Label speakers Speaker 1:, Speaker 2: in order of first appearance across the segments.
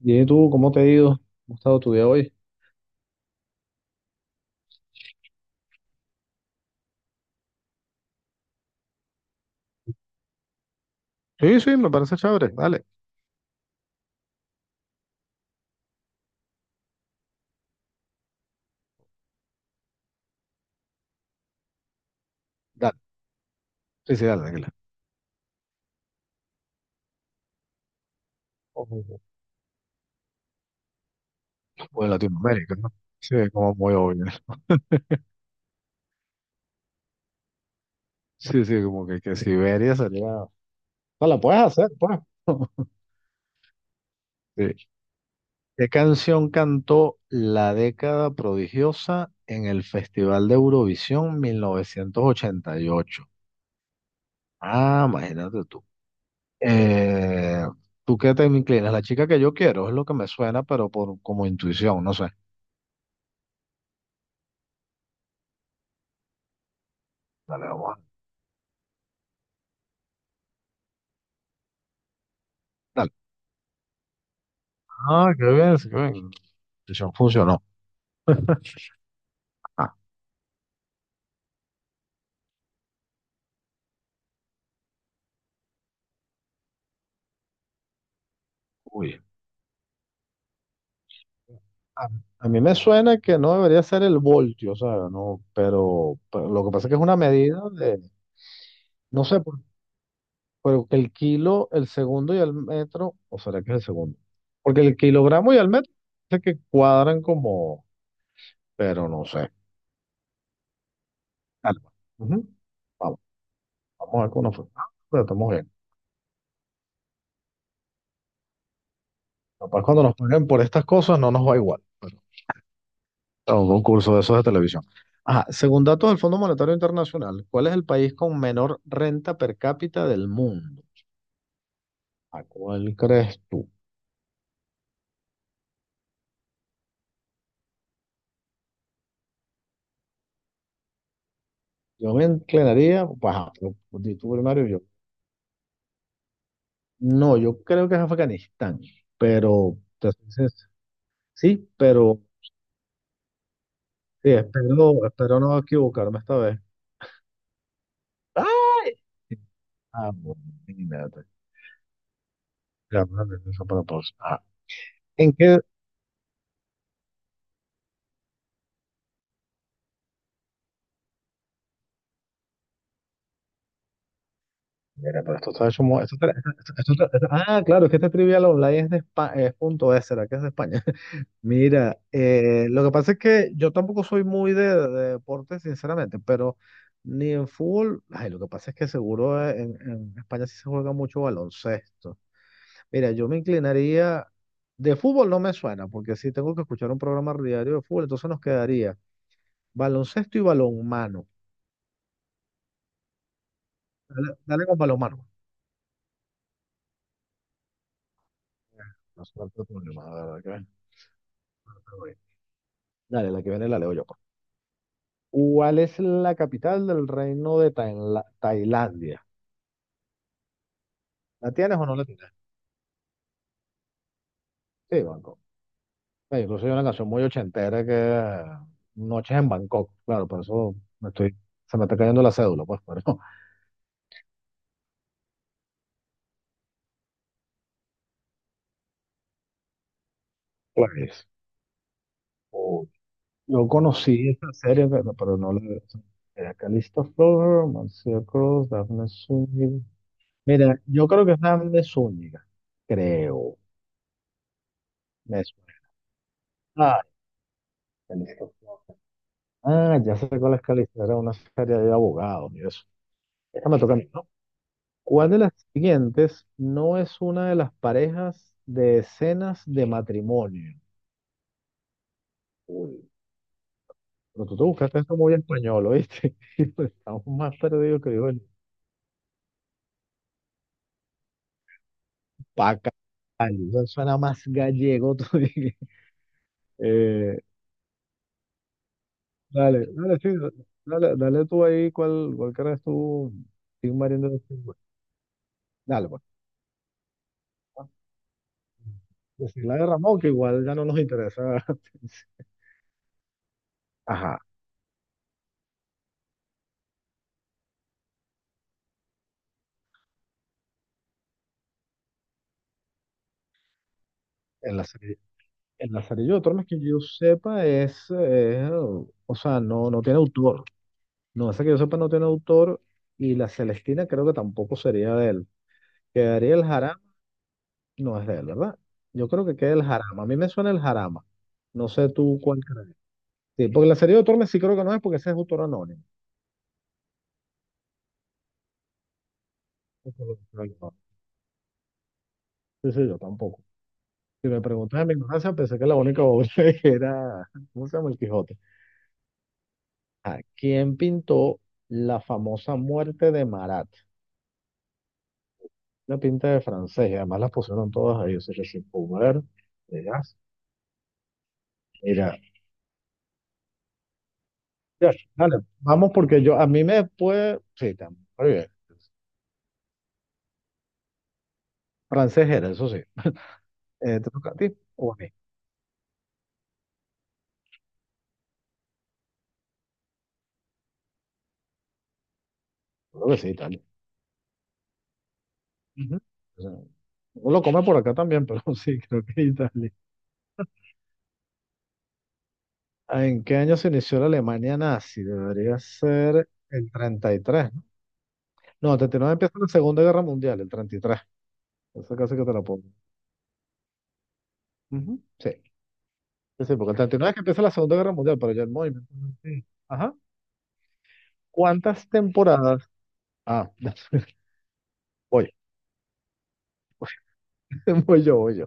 Speaker 1: Dime tú, ¿cómo te ha ido? ¿Cómo ha estado tu día hoy? Sí, sí, me parece chévere. Dale, dale. Sí, sí, dale, tranquila. Ojo. Pues Latinoamérica, ¿no? Sí, como muy obvio. Sí, sí, como que Siberia sería. No, la puedes hacer, pues. Sí. ¿Qué canción cantó La Década Prodigiosa en el Festival de Eurovisión 1988? Ah, imagínate tú. Eh, ¿Tú qué te inclinas? La chica que yo quiero es lo que me suena, pero por como intuición, no sé. Dale, vamos. Dale. Ah, qué bien, qué bien. Decisión funcionó. Ah, uy. A, a mí me suena que no debería ser el voltio, ¿sabes? No, pero lo que pasa es que es una medida de, no sé, pero que el kilo, el segundo y el metro, o será que es el segundo. Porque el kilogramo y el metro sé que cuadran como, pero no sé. Dale, pues. Ujú. Vamos, vamos a ver cómo nos fue. Ah, pero estamos bien. Capaz cuando nos paguen por estas cosas no nos va igual, pues. A un concurso de esos de televisión. Ajá, según datos del Fondo Monetario Internacional, ¿cuál es el país con menor renta per cápita del mundo? ¿A cuál crees tú? Yo me inclinaría, pues, ajá, pero di tú primario yo. No, yo creo que es Afganistán, pero te soy sincero. Sí, pero sí, espero no equivocarme esta vez. ¡Ay! Ah, bueno, imagínate. Ya, bueno, eso para pausa. Ah, ¿en qué… Mira, pero esto está hecho mo- esto está- esto- esto- ah, claro, es que este Trivial Online es de España, es punto es, ¿será que es de España? Mira, lo que pasa es que yo tampoco soy muy de deporte, sinceramente, pero ni en fútbol, ay, lo que pasa es que seguro en España sí se juega mucho baloncesto. Mira, yo me inclinaría, de fútbol no me suena, porque sí tengo que escuchar un programa diario de fútbol, entonces nos quedaría baloncesto y balonmano. Dale, dale con balonmano. No sé cuál fue el problema, la verdad Dale, la que viene la leo yo, pues. ¿Cuál es la capital del reino de Tailandia? ¿La tienes o no la tienes? Sí, Bangkok. Incluso hay una canción muy ochentera que Noches en Bangkok. Claro, por eso me estoy, se me está cayendo la cédula, pues, pero pues, o- yo conocí esta serie, pero no la era Calista Flower, Marcia Cross, Daphne Zúñiga. Mira, yo creo que es Daphne Zúñiga, creo. Me suena. Ah, Calista Flor. Ah, ya sé cuál es Calista, era una serie de abogados y eso. Esta me toca a mí, ¿no? ¿Cuál de las siguientes no es una de las parejas de escenas de matrimonio? Uy, pero tú te buscaste esto muy español, ¿oíste? Estamos más perdidos que digo el paca. Eso suena más gallego todavía. Eh, Dale, dale, sí, dale, dale tú ahí cuál crees tú, Tim Marín de los Cien. Dale, pues. Decir la de Ramón, que igual ya no nos interesa. Ajá. El lazarillo, el lazarillo de Tormes que yo sepa es, o sea, no, no tiene autor. No, esa que yo sepa no tiene autor y la Celestina creo que tampoco sería de él. Quedaría el Jarama, no es de él, ¿verdad? Yo creo que queda el Jarama. A mí me suena el Jarama. No sé tú cuál crees. Sí, porque el lazarillo de Tormes sí creo que no es porque ese es autor anónimo. Eso es lo que creo yo. Sí, sí, yo tampoco. Si me preguntas en mi ignorancia, pensé que la única obra era, ¿cómo se llama? El Quijote. Ah, ¿quién pintó la famosa muerte de Marat? Una pinta de francés, y además las pusieron todas ahí, o sea, que sin comer, verás, mira, ya, dale, vamos porque yo, a mí me puede, sí, también, muy bien, francés era, eso sí. ¿Te toca a ti o a mí? Creo que sí, Italia. Ujú. O sea, uno lo come por acá también, pero sí, creo que Italia. Ah, ¿en qué año se inició la Alemania nazi? Debería ser el treinta y tres, ¿no? No, el 39 empieza la Segunda Guerra Mundial, el 33 eso casi que te lo pongo. Ujú, sí. Es importante. No es que empieza la Segunda Guerra Mundial, pero ya el movimiento no. Ajá. ¿Cuántas temporadas? Ah, voy, voy yo.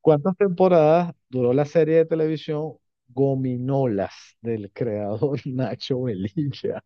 Speaker 1: ¿Cuántas temporadas duró la serie de televisión Gominolas del creador Nacho Velilla?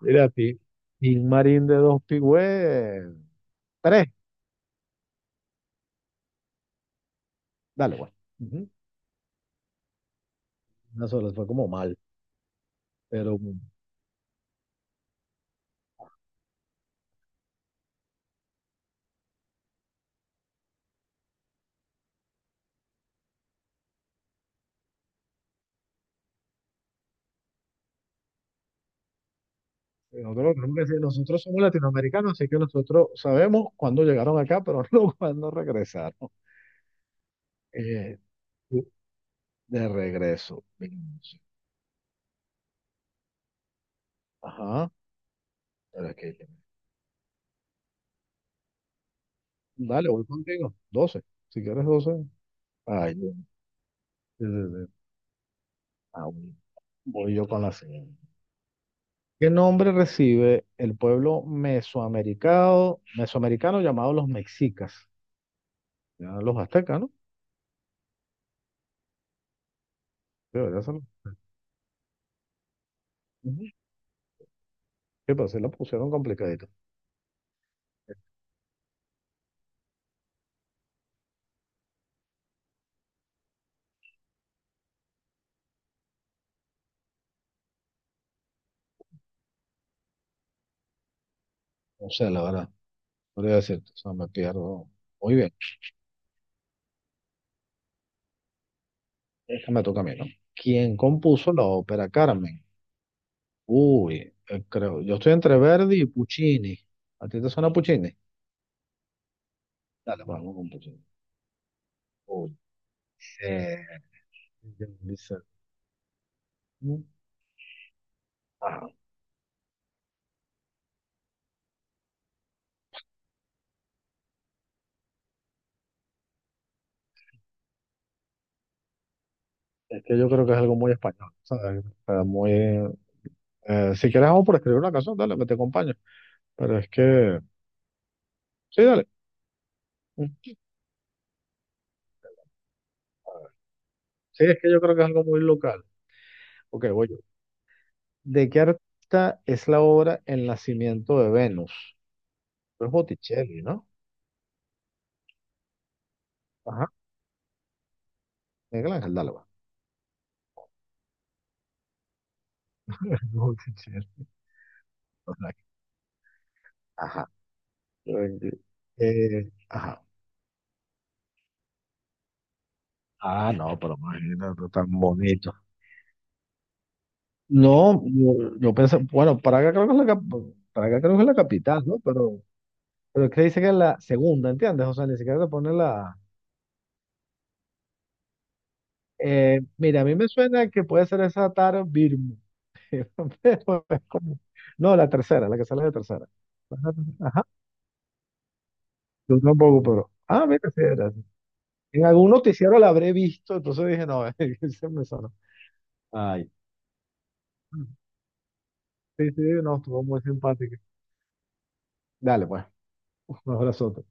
Speaker 1: Mira a ti. Gil Marín de Dos Pigüé. Tres. Dale, bueno. Ujú. Una sola, fue como mal. Pero nosotros, lo tenemos que decir, nosotros somos latinoamericanos, así que nosotros sabemos cuándo llegaron acá, pero no cuándo regresaron. Eh, De regreso. Vinci. Ajá. Pero Dale, voy contigo. 12, si quieres 12. Ay, sí, sí, sí. Ah, bueno. Voy yo con la siguiente. ¿Qué nombre recibe el pueblo mesoamericano, llamado los mexicas? Ya los aztecas, ¿no? Sí, ya Ujú. Sí, pero se la pusieron complicadito. O sea, la verdad, podría decirte, o sea, me pierdo. Muy bien, esta me toca a mí, ¿no? ¿Quién compuso la ópera Carmen? Uy, creo. Yo estoy entre Verdi y Puccini. ¿A ti te suena Puccini? Dale, vamos con Puccini. Uy, eh, dice, mm, ah, es que yo creo que es algo muy español, ¿sabes? O sea, muy, si quieres, vamos por escribir una canción, dale, me te acompaño. Pero es que, sí, dale. Mm. Sí, es que yo creo que es algo muy local. Ok, voy yo. ¿De qué artista es la obra El nacimiento de Venus? Es Botticelli, ¿no? Ajá, Miguel Ángel, dale, va. Botticelli. Ajá. Eh, ajá. Ah, no, pero imagínate, tan bonito. No, yo pensé, bueno, Praga creo que es Praga creo que es la capital, ¿no? Pero es que dice que es la segunda, ¿entiendes? O sea, ni siquiera te pone la… mira, a mí me suena que puede ser esa Taro Birmo, pero es No, la tercera, la que sale de tercera. Ajá, yo tampoco, pero… Ah, mira, sí, era. En algún noticiero la habré visto, entonces dije, no, se me sonó. Ay. Sí, sí, no, estuvo muy simpática. Dale, pues. Un abrazo.